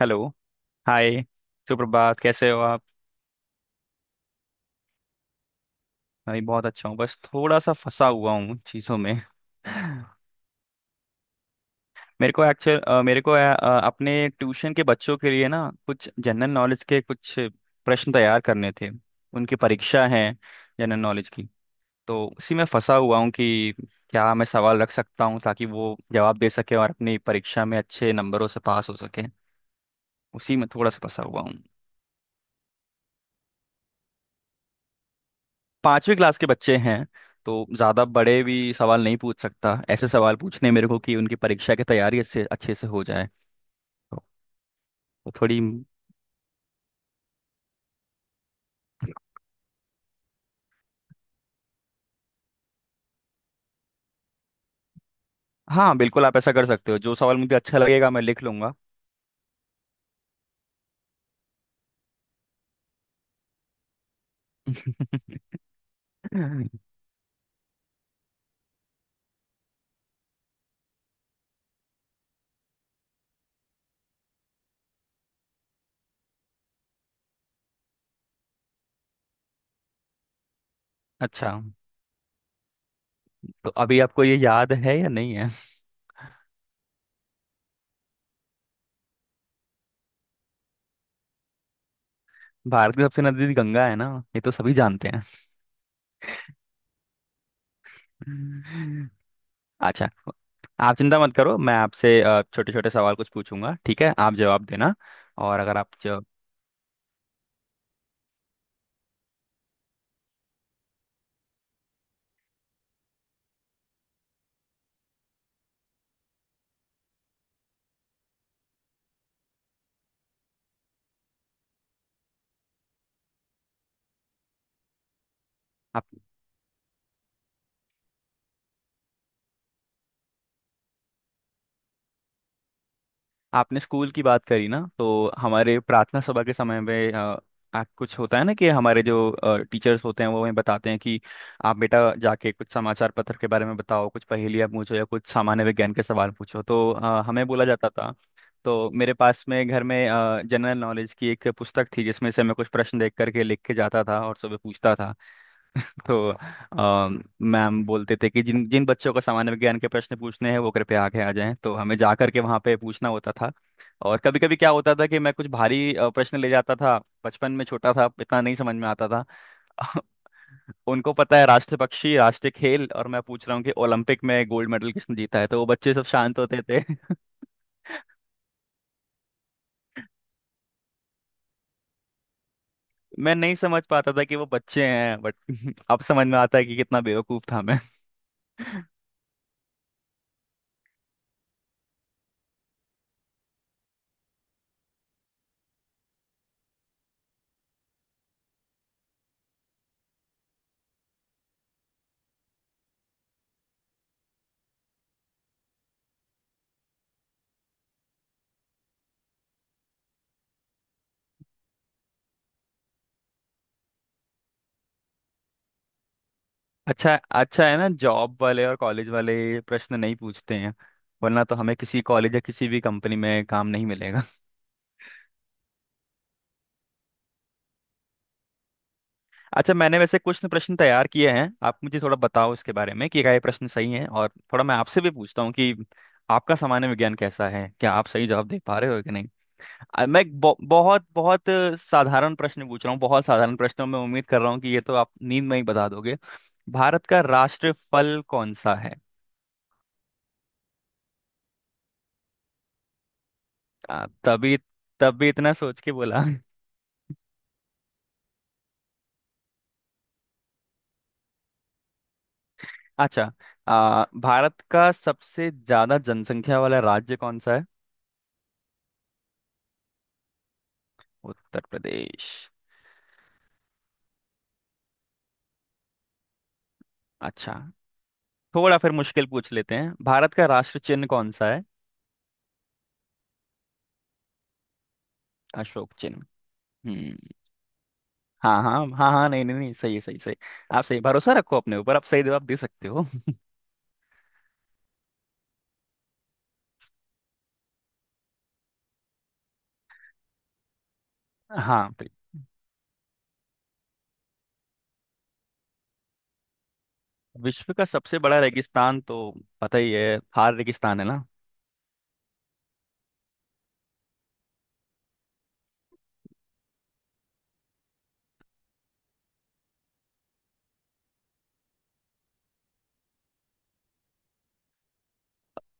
Hello. Hi. सुप्रभात, कैसे हो आप? मैं भी बहुत अच्छा हूँ, बस थोड़ा सा फंसा हुआ हूँ चीज़ों में। मेरे को अपने ट्यूशन के बच्चों के लिए ना कुछ जनरल नॉलेज के कुछ प्रश्न तैयार करने थे। उनकी परीक्षा है जनरल नॉलेज की। तो उसी में फंसा हुआ हूँ कि क्या मैं सवाल रख सकता हूँ, ताकि वो जवाब दे सके और अपनी परीक्षा में अच्छे नंबरों से पास हो सके। उसी में थोड़ा सा फंसा हुआ। पांचवी क्लास के बच्चे हैं, तो ज़्यादा बड़े भी सवाल नहीं पूछ सकता, ऐसे सवाल पूछने मेरे को कि उनकी परीक्षा की तैयारी अच्छे अच्छे से हो जाए। तो, तो थोड़ी हाँ, बिल्कुल आप ऐसा कर सकते हो, जो सवाल मुझे अच्छा लगेगा मैं लिख लूंगा। अच्छा, तो अभी आपको ये याद है या नहीं है? भारत की सबसे नदी गंगा है ना, ये तो सभी जानते हैं। अच्छा, आप चिंता मत करो, मैं आपसे छोटे छोटे सवाल कुछ पूछूंगा, ठीक है? आप जवाब देना। और अगर आप जो, आप आपने स्कूल की बात करी ना, तो हमारे प्रार्थना सभा के समय में कुछ होता है ना कि हमारे जो टीचर्स होते हैं वो हमें बताते हैं कि आप बेटा जाके कुछ समाचार पत्र के बारे में बताओ, कुछ पहेलियाँ पूछो या कुछ सामान्य विज्ञान के सवाल पूछो। तो हमें बोला जाता था। तो मेरे पास में घर में जनरल नॉलेज की एक पुस्तक थी, जिसमें से मैं कुछ प्रश्न देख करके लिख के जाता था और सुबह पूछता था। तो मैम बोलते थे कि जिन जिन बच्चों को सामान्य विज्ञान के प्रश्न पूछने हैं वो कृपया आगे आ जाएं, तो हमें जा करके वहाँ पे पूछना होता था। और कभी कभी क्या होता था कि मैं कुछ भारी प्रश्न ले जाता था। बचपन में छोटा था, इतना नहीं समझ में आता था। उनको पता है राष्ट्र पक्षी, राष्ट्रीय खेल, और मैं पूछ रहा हूँ कि ओलंपिक में गोल्ड मेडल किसने जीता है, तो वो बच्चे सब शांत होते थे। मैं नहीं समझ पाता था कि वो बच्चे हैं, बट अब समझ में आता है कि कितना बेवकूफ था मैं। अच्छा, अच्छा है ना जॉब वाले और कॉलेज वाले ये प्रश्न नहीं पूछते हैं, वरना तो हमें किसी कॉलेज या किसी भी कंपनी में काम नहीं मिलेगा। अच्छा, मैंने वैसे कुछ न प्रश्न तैयार किए हैं, आप मुझे थोड़ा बताओ इसके बारे में कि क्या ये प्रश्न सही है। और थोड़ा मैं आपसे भी पूछता हूँ कि आपका सामान्य विज्ञान कैसा है, क्या आप सही जवाब दे पा रहे हो कि नहीं। मैं एक बहुत बहुत साधारण प्रश्न पूछ रहा हूँ, बहुत साधारण प्रश्नों में उम्मीद कर रहा हूँ कि ये तो आप नींद में ही बता दोगे। भारत का राष्ट्रीय फल कौन सा है? आ, तभी तभी इतना सोच के बोला। अच्छा, भारत का सबसे ज्यादा जनसंख्या वाला राज्य कौन सा है? उत्तर प्रदेश। अच्छा, थोड़ा फिर मुश्किल पूछ लेते हैं, भारत का राष्ट्र चिन्ह कौन सा है? अशोक चिन्ह। हम्म, हाँ हाँ हाँ हाँ, नहीं नहीं नहीं, सही है, सही सही। आप सही भरोसा रखो अपने ऊपर, आप सही जवाब दे सकते हो। हाँ तो विश्व का सबसे बड़ा रेगिस्तान तो पता ही है, थार रेगिस्तान है ना।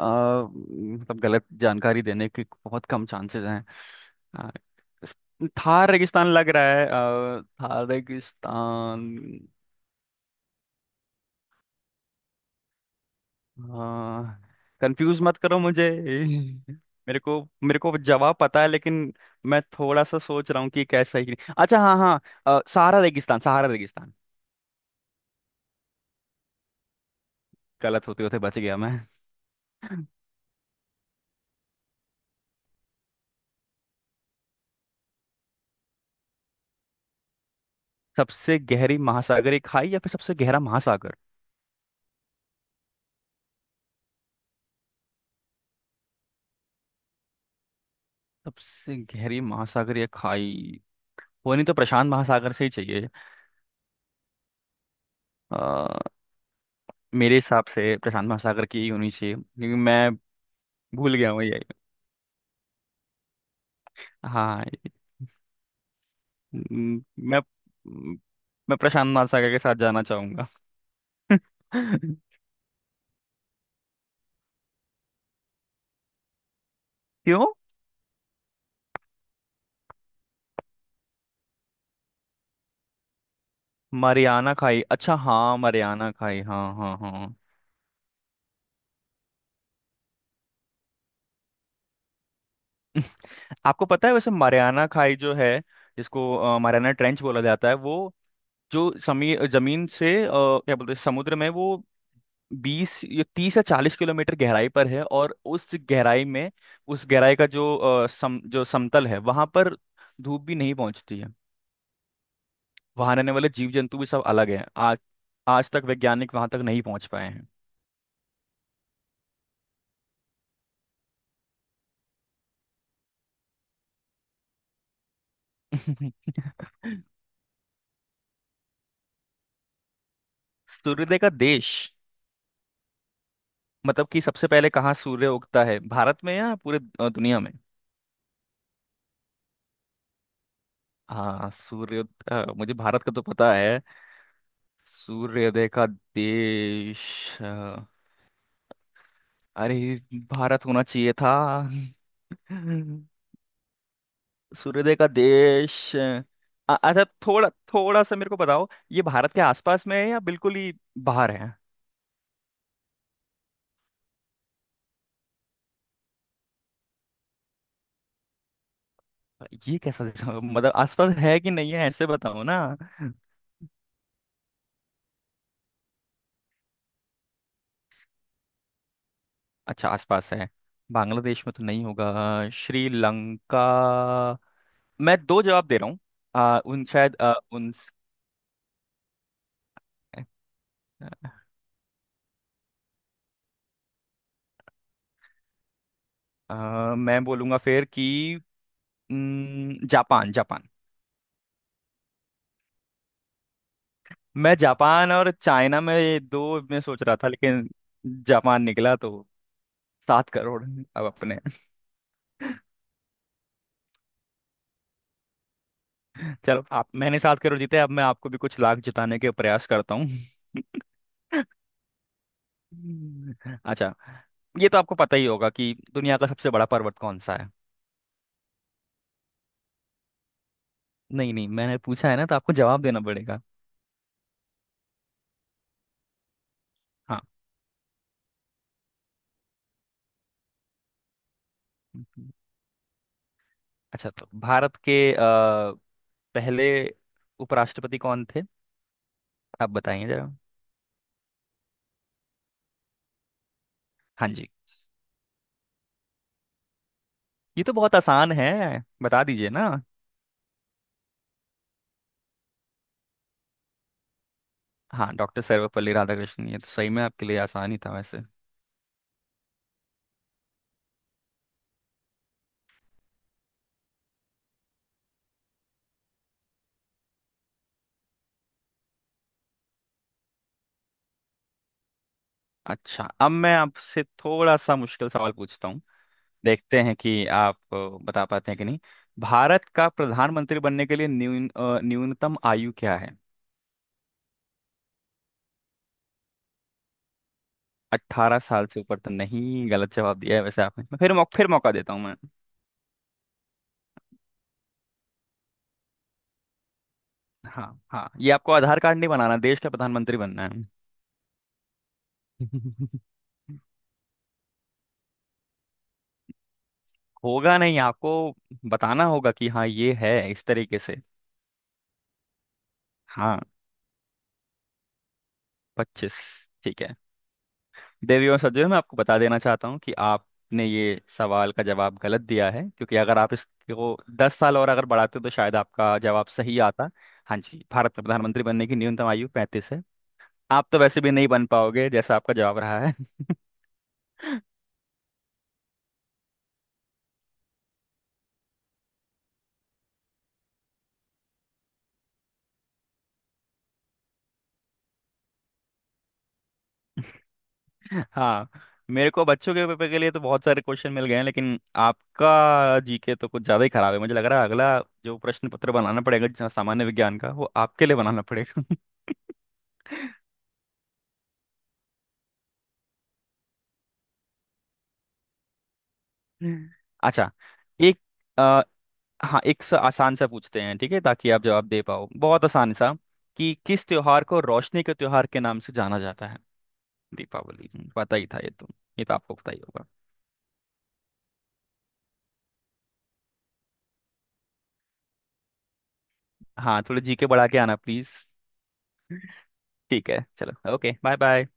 मतलब गलत जानकारी देने के बहुत कम चांसेस हैं। अ, इस- थार रेगिस्तान लग रहा है, थार रेगिस्तान। कंफ्यूज मत करो मुझे। मेरे को जवाब पता है, लेकिन मैं थोड़ा सा सोच रहा हूँ कि कैसा ही कि नहीं। अच्छा हाँ हाँ, सहारा रेगिस्तान, सहारा रेगिस्तान। गलत होते होते बच गया मैं। सबसे गहरी महासागरीय खाई या फिर सबसे गहरा महासागर? सबसे गहरी महासागरीय खाई। वो नहीं तो प्रशांत महासागर से ही चाहिए। अ, मेरे हिसाब से प्रशांत महासागर की ही होनी चाहिए, क्योंकि मैं भूल गया हूँ ये। हाँ, म, मैं म, मैं प्रशांत महासागर के साथ जाना चाहूंगा। क्यों? मरियाना खाई, अच्छा हाँ, मरियाना खाई, हाँ हाँ हाँ हाँ। आपको पता है वैसे मरियाना खाई जो है, जिसको मरियाना ट्रेंच बोला जाता है, वो जो समी जमीन से क्या बोलते हैं समुद्र में, वो 20 या 30 या 40 किलोमीटर गहराई पर है, और उस गहराई में, उस गहराई का जो सम जो समतल है वहां पर, धूप भी नहीं पहुंचती है। वहां रहने वाले जीव जंतु भी सब अलग हैं। आज आज तक वैज्ञानिक वहां तक नहीं पहुंच पाए हैं। सूर्योदय का देश मतलब कि सबसे पहले कहाँ सूर्य उगता है, भारत में या पूरे दुनिया में? हाँ सूर्य, मुझे भारत का तो पता है। सूर्योदय का देश, अ, अरे भारत होना चाहिए था। सूर्योदय का देश अच्छा, थोड़ा थोड़ा सा मेरे को बताओ, ये भारत के आसपास में है या बिल्कुल ही बाहर है? ये कैसा जवाब? मतलब आसपास है कि नहीं है, ऐसे बताओ ना। अच्छा आसपास है। बांग्लादेश में तो नहीं होगा, श्रीलंका। मैं दो जवाब दे रहा हूँ। आ, उन शायद आ, उन आ, मैं बोलूंगा फिर कि न, जापान, जापान। मैं जापान और चाइना में, ये दो में सोच रहा था लेकिन जापान निकला तो 7 करोड़। अब अपने, चलो आप, मैंने 7 करोड़ जीते, अब मैं आपको भी कुछ लाख जिताने के प्रयास करता हूँ। अच्छा, ये तो आपको पता ही होगा कि दुनिया का सबसे बड़ा पर्वत कौन सा है? नहीं नहीं, मैंने पूछा है ना तो आपको जवाब देना पड़ेगा। हाँ। अच्छा, तो भारत के पहले उपराष्ट्रपति कौन थे? आप बताइए जरा। हाँ जी, ये तो बहुत आसान है, बता दीजिए ना। हाँ, डॉक्टर सर्वपल्ली राधाकृष्णन, ये तो सही में आपके लिए आसान ही था वैसे। अच्छा, अब मैं आपसे थोड़ा सा मुश्किल सवाल पूछता हूँ, देखते हैं कि आप बता पाते हैं कि नहीं। भारत का प्रधानमंत्री बनने के लिए न्यूनतम आयु क्या है? 18 साल से ऊपर तो नहीं, गलत जवाब दिया है वैसे आपने, तो फिर मौका, फिर मौका देता हूँ मैं। हाँ हाँ, ये आपको आधार कार्ड नहीं बनाना, देश का प्रधानमंत्री बनना है। होगा नहीं, आपको बताना होगा कि हाँ ये है, इस तरीके से। हाँ, 25? ठीक है। देवियों और सज्जनों, मैं आपको बता देना चाहता हूँ कि आपने ये सवाल का जवाब गलत दिया है, क्योंकि अगर आप इसको 10 साल और अगर बढ़ाते तो शायद आपका जवाब सही आता। हाँ जी, भारत में प्रधानमंत्री बनने की न्यूनतम आयु 35 है। आप तो वैसे भी नहीं बन पाओगे जैसा आपका जवाब रहा है। हाँ, मेरे को बच्चों के पेपर के लिए तो बहुत सारे क्वेश्चन मिल गए हैं, लेकिन आपका जीके तो कुछ ज़्यादा ही खराब है मुझे लग रहा है। अगला जो प्रश्न पत्र बनाना पड़ेगा जो सामान्य विज्ञान का, वो आपके लिए बनाना पड़ेगा। अच्छा, एक, हाँ एक सा आसान सा पूछते हैं, ठीक है, ताकि आप जवाब दे पाओ, बहुत आसान सा। कि किस त्योहार को रोशनी के त्योहार के नाम से जाना जाता है? दीपावली, पता ही था ये तो, ये तो आपको पता ही होगा। हाँ, थोड़े जी के बढ़ा के आना प्लीज। ठीक है, चलो, ओके, बाय बाय।